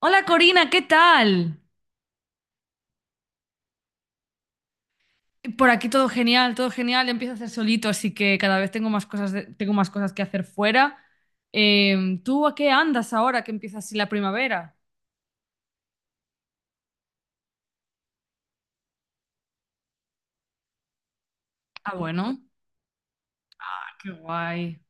Hola Corina, ¿qué tal? Por aquí todo genial, todo genial. Empiezo a hacer solito, así que cada vez tengo más cosas, tengo más cosas que hacer fuera. ¿Tú a qué andas ahora que empieza así la primavera? Ah, bueno, qué guay.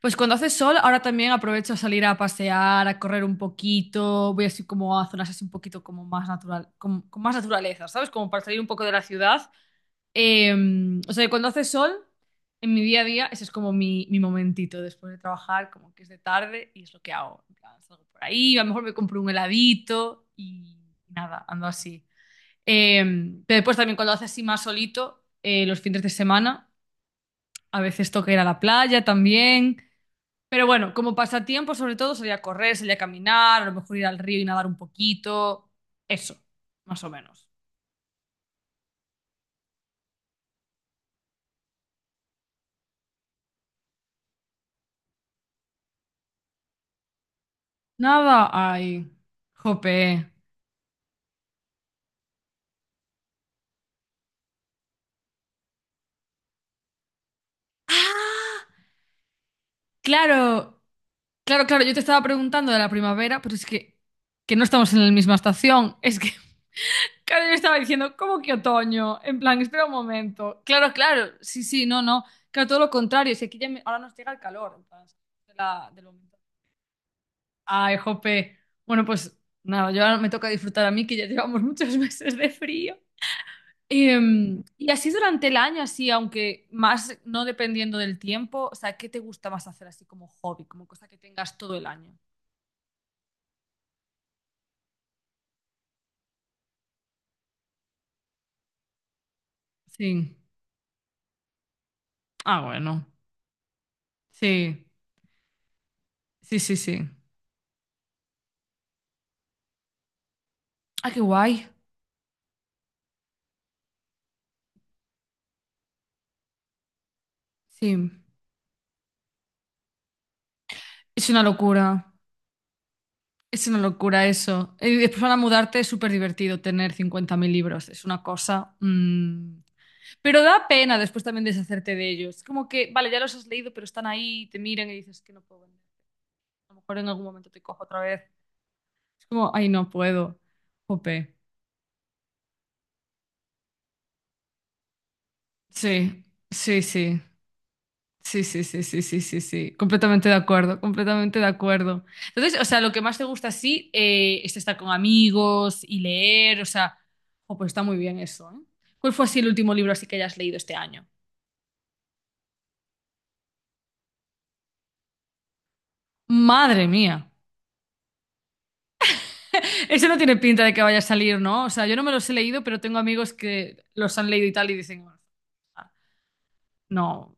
Pues cuando hace sol, ahora también aprovecho a salir a pasear, a correr un poquito. Voy así como a zonas así un poquito como más natural, con más naturaleza, ¿sabes? Como para salir un poco de la ciudad. Eh, o sea, que cuando hace sol, en mi día a día, ese es como mi momentito después de trabajar, como que es de tarde y es lo que hago. En plan, salgo por ahí, a lo mejor me compro un heladito y nada, ando así. Eh, pero después también cuando hace así más solito, los fines de semana, a veces toca ir a la playa también. Pero bueno, como pasatiempo, sobre todo, salir a correr, salir a caminar, a lo mejor ir al río y nadar un poquito. Eso, más o menos. Nada, ay, jope. Claro. Claro, claro, yo te estaba preguntando de la primavera, pero es que no estamos en la misma estación. Es que, claro, yo estaba diciendo, ¿cómo que otoño? En plan, espera un momento. Claro, claro, sí, sí, no, no. Claro, todo lo contrario, si aquí ya ahora nos llega el calor, en plan, del momento. Ay, jope. Bueno, pues nada, yo ahora me toca disfrutar a mí, que ya llevamos muchos meses de frío. Y así durante el año, así, aunque más no dependiendo del tiempo, o sea, ¿qué te gusta más hacer así como hobby, como cosa que tengas todo el año? Sí. Ah, bueno. Sí, sí, sí, sí. Ah, qué guay. Sí. Es una locura. Es una locura eso. Y después para mudarte es súper divertido tener 50.000 libros. Es una cosa... Pero da pena después también deshacerte de ellos. Es como que, vale, ya los has leído, pero están ahí, te miran y dices que no puedo vender. A lo mejor en algún momento te cojo otra vez. Es como, ay, no puedo. Jope. Sí, sí, sí. Sí, sí, sí, sí, sí, sí, sí. Completamente de acuerdo, completamente de acuerdo. Entonces, o sea, lo que más te gusta, sí, es estar con amigos y leer, o sea, oh, pues está muy bien eso, ¿eh? ¿Cuál fue así el último libro así que hayas leído este año? Madre mía. Ese no tiene pinta de que vaya a salir, ¿no? O sea, yo no me los he leído, pero tengo amigos que los han leído y tal y dicen, "Ah, no."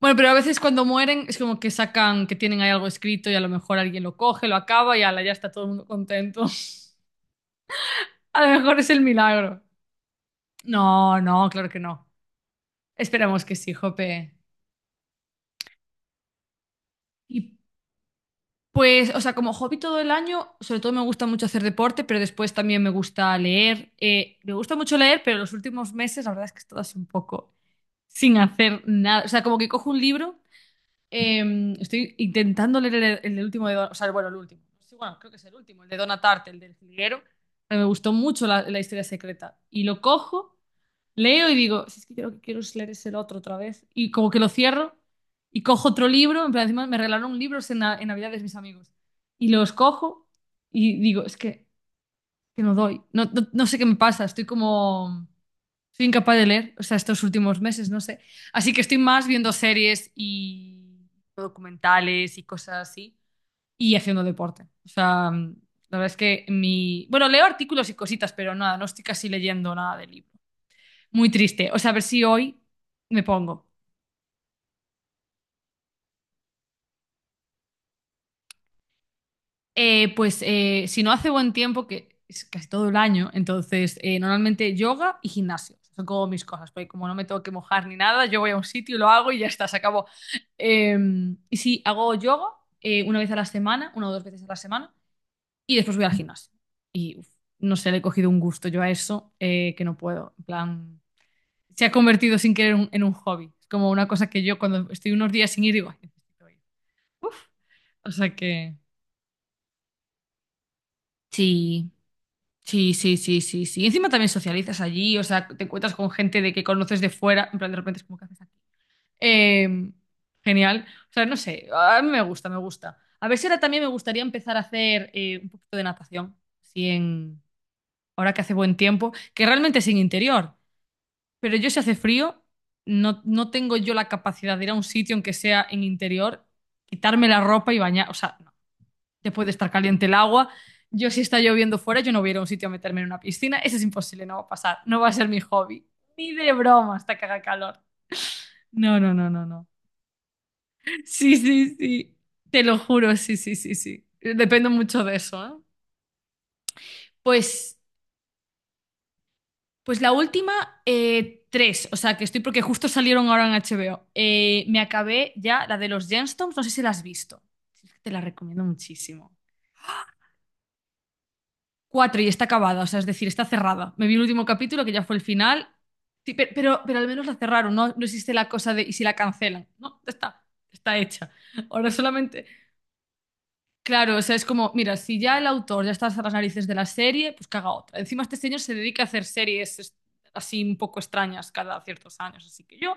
Bueno, pero a veces cuando mueren es como que sacan que tienen ahí algo escrito y a lo mejor alguien lo coge, lo acaba y ala, ya está todo el mundo contento. A lo mejor es el milagro. No, no, claro que no. Esperamos que sí, jope. Y pues, o sea, como hobby todo el año, sobre todo me gusta mucho hacer deporte, pero después también me gusta leer. Me gusta mucho leer, pero los últimos meses la verdad es que he estado así un poco sin hacer nada. O sea, como que cojo un libro. Estoy intentando leer el del último de o sea, bueno, el último. Sí, bueno, creo que es el último, el de Donna Tartt, el del jilguero. Pero me gustó mucho la historia secreta. Y lo cojo, leo y digo, si es que yo lo que quiero es leer ese otro otra vez. Y como que lo cierro y cojo otro libro. En plan, encima me regalaron libros en, en Navidades mis amigos. Y los cojo y digo, es que no doy. No, no, no sé qué me pasa, estoy como... Soy incapaz de leer, o sea, estos últimos meses, no sé. Así que estoy más viendo series y documentales y cosas así y haciendo deporte. O sea, la verdad es que mi... Bueno, leo artículos y cositas, pero nada, no estoy casi leyendo nada de libro. Muy triste. O sea, a ver si hoy me pongo. Pues si no hace buen tiempo, que es casi todo el año, entonces normalmente yoga y gimnasio. Son como mis cosas, porque como no me tengo que mojar ni nada, yo voy a un sitio, lo hago y ya está, se acabó. Eh, y sí, hago yoga una vez a la semana, una o dos veces a la semana, y después voy al gimnasio. Y uf, no sé, le he cogido un gusto yo a eso que no puedo. En plan, se ha convertido sin querer en un hobby. Es como una cosa que yo cuando estoy unos días sin ir digo, "Ay, necesito ir". Uf. O sea que sí. Sí, sí, sí, sí, sí. Encima también socializas allí, o sea, te encuentras con gente de que conoces de fuera, en plan de repente es como que haces aquí. Eh, genial. O sea, no sé, a mí me gusta, me gusta. A ver si ahora también me gustaría empezar a hacer un poquito de natación, si en, ahora que hace buen tiempo, que realmente es en interior, pero yo si hace frío, no, no tengo yo la capacidad de ir a un sitio aunque sea en interior, quitarme la ropa y bañar, o sea, no te puede estar caliente el agua. Yo si está lloviendo fuera, yo no voy a ir a un sitio a meterme en una piscina. Eso es imposible, no va a pasar. No va a ser mi hobby. Ni de broma hasta que haga calor. No, no, no, no, no. Sí, sí, sí. Te lo juro, sí, sí, sí, sí. Dependo mucho de eso, ¿eh? Pues, pues la última, tres. O sea, que estoy porque justo salieron ahora en HBO. Me acabé ya la de los Gemstones. No sé si la has visto. Te la recomiendo muchísimo. Cuatro y está acabada, o sea, es decir, está cerrada. Me vi el último capítulo, que ya fue el final. Sí, pero, al menos la cerraron, ¿no? No existe la cosa de ¿y si la cancelan? No, ya está, está hecha. Ahora solamente. Claro, o sea, es como, mira, si ya el autor ya está hasta las narices de la serie, pues que haga otra. Encima este señor se dedica a hacer series así un poco extrañas cada ciertos años, así que yo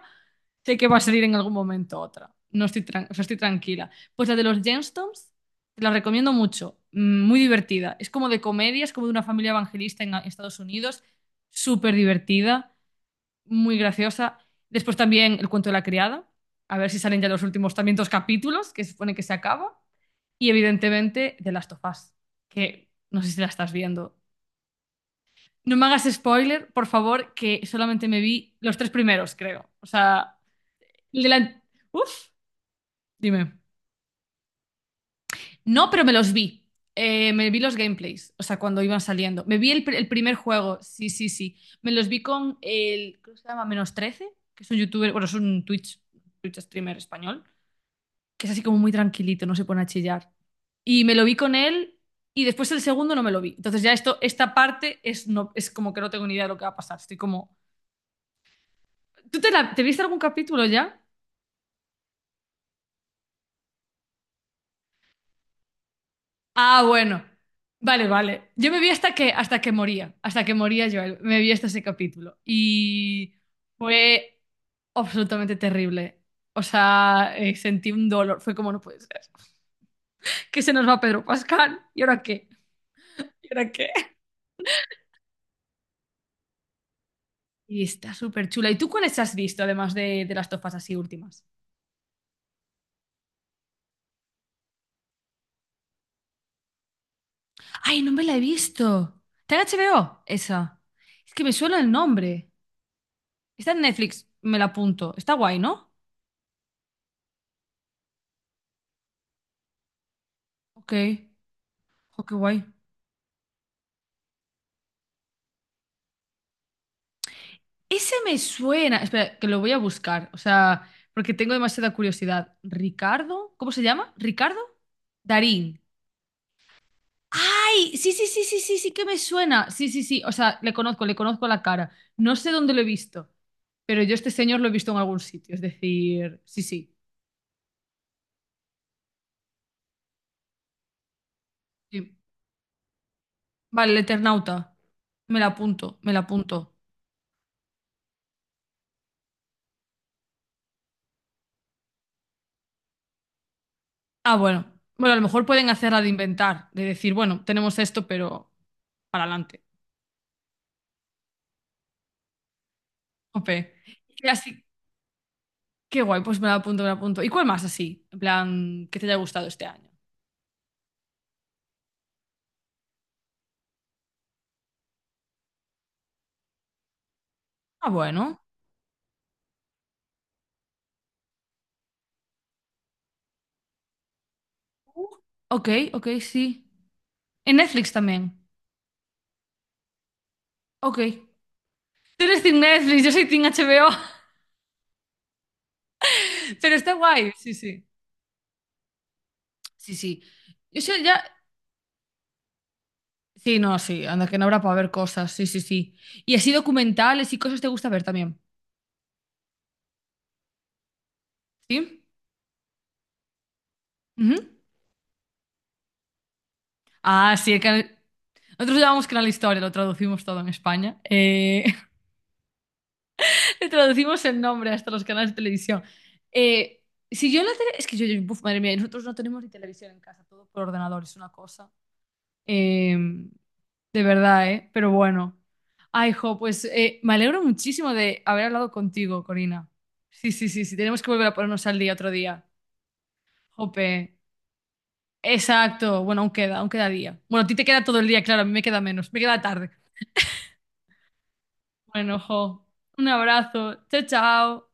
sé que va a salir en algún momento otra. No estoy, o sea, estoy tranquila. Pues la de los Gemstones, te la recomiendo mucho. Muy divertida. Es como de comedia, es como de una familia evangelista en Estados Unidos. Súper divertida, muy graciosa. Después también El cuento de la criada. A ver si salen ya los últimos también dos capítulos, que se supone que se acaba. Y evidentemente de Last of Us, que no sé si la estás viendo. No me hagas spoiler, por favor, que solamente me vi los tres primeros, creo. O sea, el de la... Uf. Dime. No, pero me los vi. Me vi los gameplays, o sea, cuando iban saliendo. Me vi el primer juego, sí, sí, sí. Me los vi con el, ¿cómo se llama? Menos trece, que es un youtuber, bueno, es un Twitch streamer español, que es así como muy tranquilito, no se pone a chillar. Y me lo vi con él y después el segundo no me lo vi. Entonces ya esto, esta parte es, no, es como que no tengo ni idea de lo que va a pasar. Estoy como... ¿Tú te, te viste algún capítulo ya? Ah, bueno. Vale, vale. Yo me vi hasta que moría Joel. Me vi hasta ese capítulo. Y fue absolutamente terrible. O sea, sentí un dolor. Fue como no puede ser. Que se nos va Pedro Pascal. ¿Y ahora qué? ¿Y ahora qué? Y está súper chula. ¿Y tú cuáles has visto, además de las tofas así últimas? Ay, no me la he visto. ¿Está en HBO? Esa. Es que me suena el nombre. Está en Netflix. Me la apunto. Está guay, ¿no? Ok. Oh, qué guay. Ese me suena. Espera, que lo voy a buscar. O sea, porque tengo demasiada curiosidad. ¿Ricardo? ¿Cómo se llama? ¿Ricardo? Darín. ¡Ay! Sí, sí, sí, sí, sí, sí que me suena. Sí, sí, sí. O sea, le conozco la cara. No sé dónde lo he visto, pero yo este señor lo he visto en algún sitio. Es decir, sí, sí. Sí. Vale, el Eternauta. Me la apunto, me la apunto. Ah, bueno. Bueno, a lo mejor pueden hacerla de inventar, de decir, bueno, tenemos esto, pero para adelante. Ope. Qué guay, pues me la apunto, me la apunto. ¿Y cuál más así? En plan, que te haya gustado este año. Ah, bueno. Uh, ok, ok, sí. En Netflix también. Ok. Tú eres Team Netflix, yo soy Team HBO, pero está guay. Sí, sí. Sí, sí. Yo sé, ya... Sí, no, sí. Anda, que no habrá para ver cosas. Sí, sí, sí. Y así documentales y cosas te gusta ver también. ¿Sí? Ujú. Ah, sí. Nosotros llamamos Canal Historia, lo traducimos todo en España. Le traducimos el nombre hasta los canales de televisión. Eh, si yo en la tele... Es que yo, buf, madre mía, nosotros no tenemos ni televisión en casa, todo por ordenador, es una cosa. Eh, de verdad, ¿eh? Pero bueno. Ay, jo, pues me alegro muchísimo de haber hablado contigo, Corina. Sí, sí, sí, sí, tenemos que volver a ponernos al día otro día. Jope. Exacto, bueno, aún queda día. Bueno, a ti te queda todo el día, claro, a mí me queda menos, me queda tarde. Bueno, jo, un abrazo, chao, chao.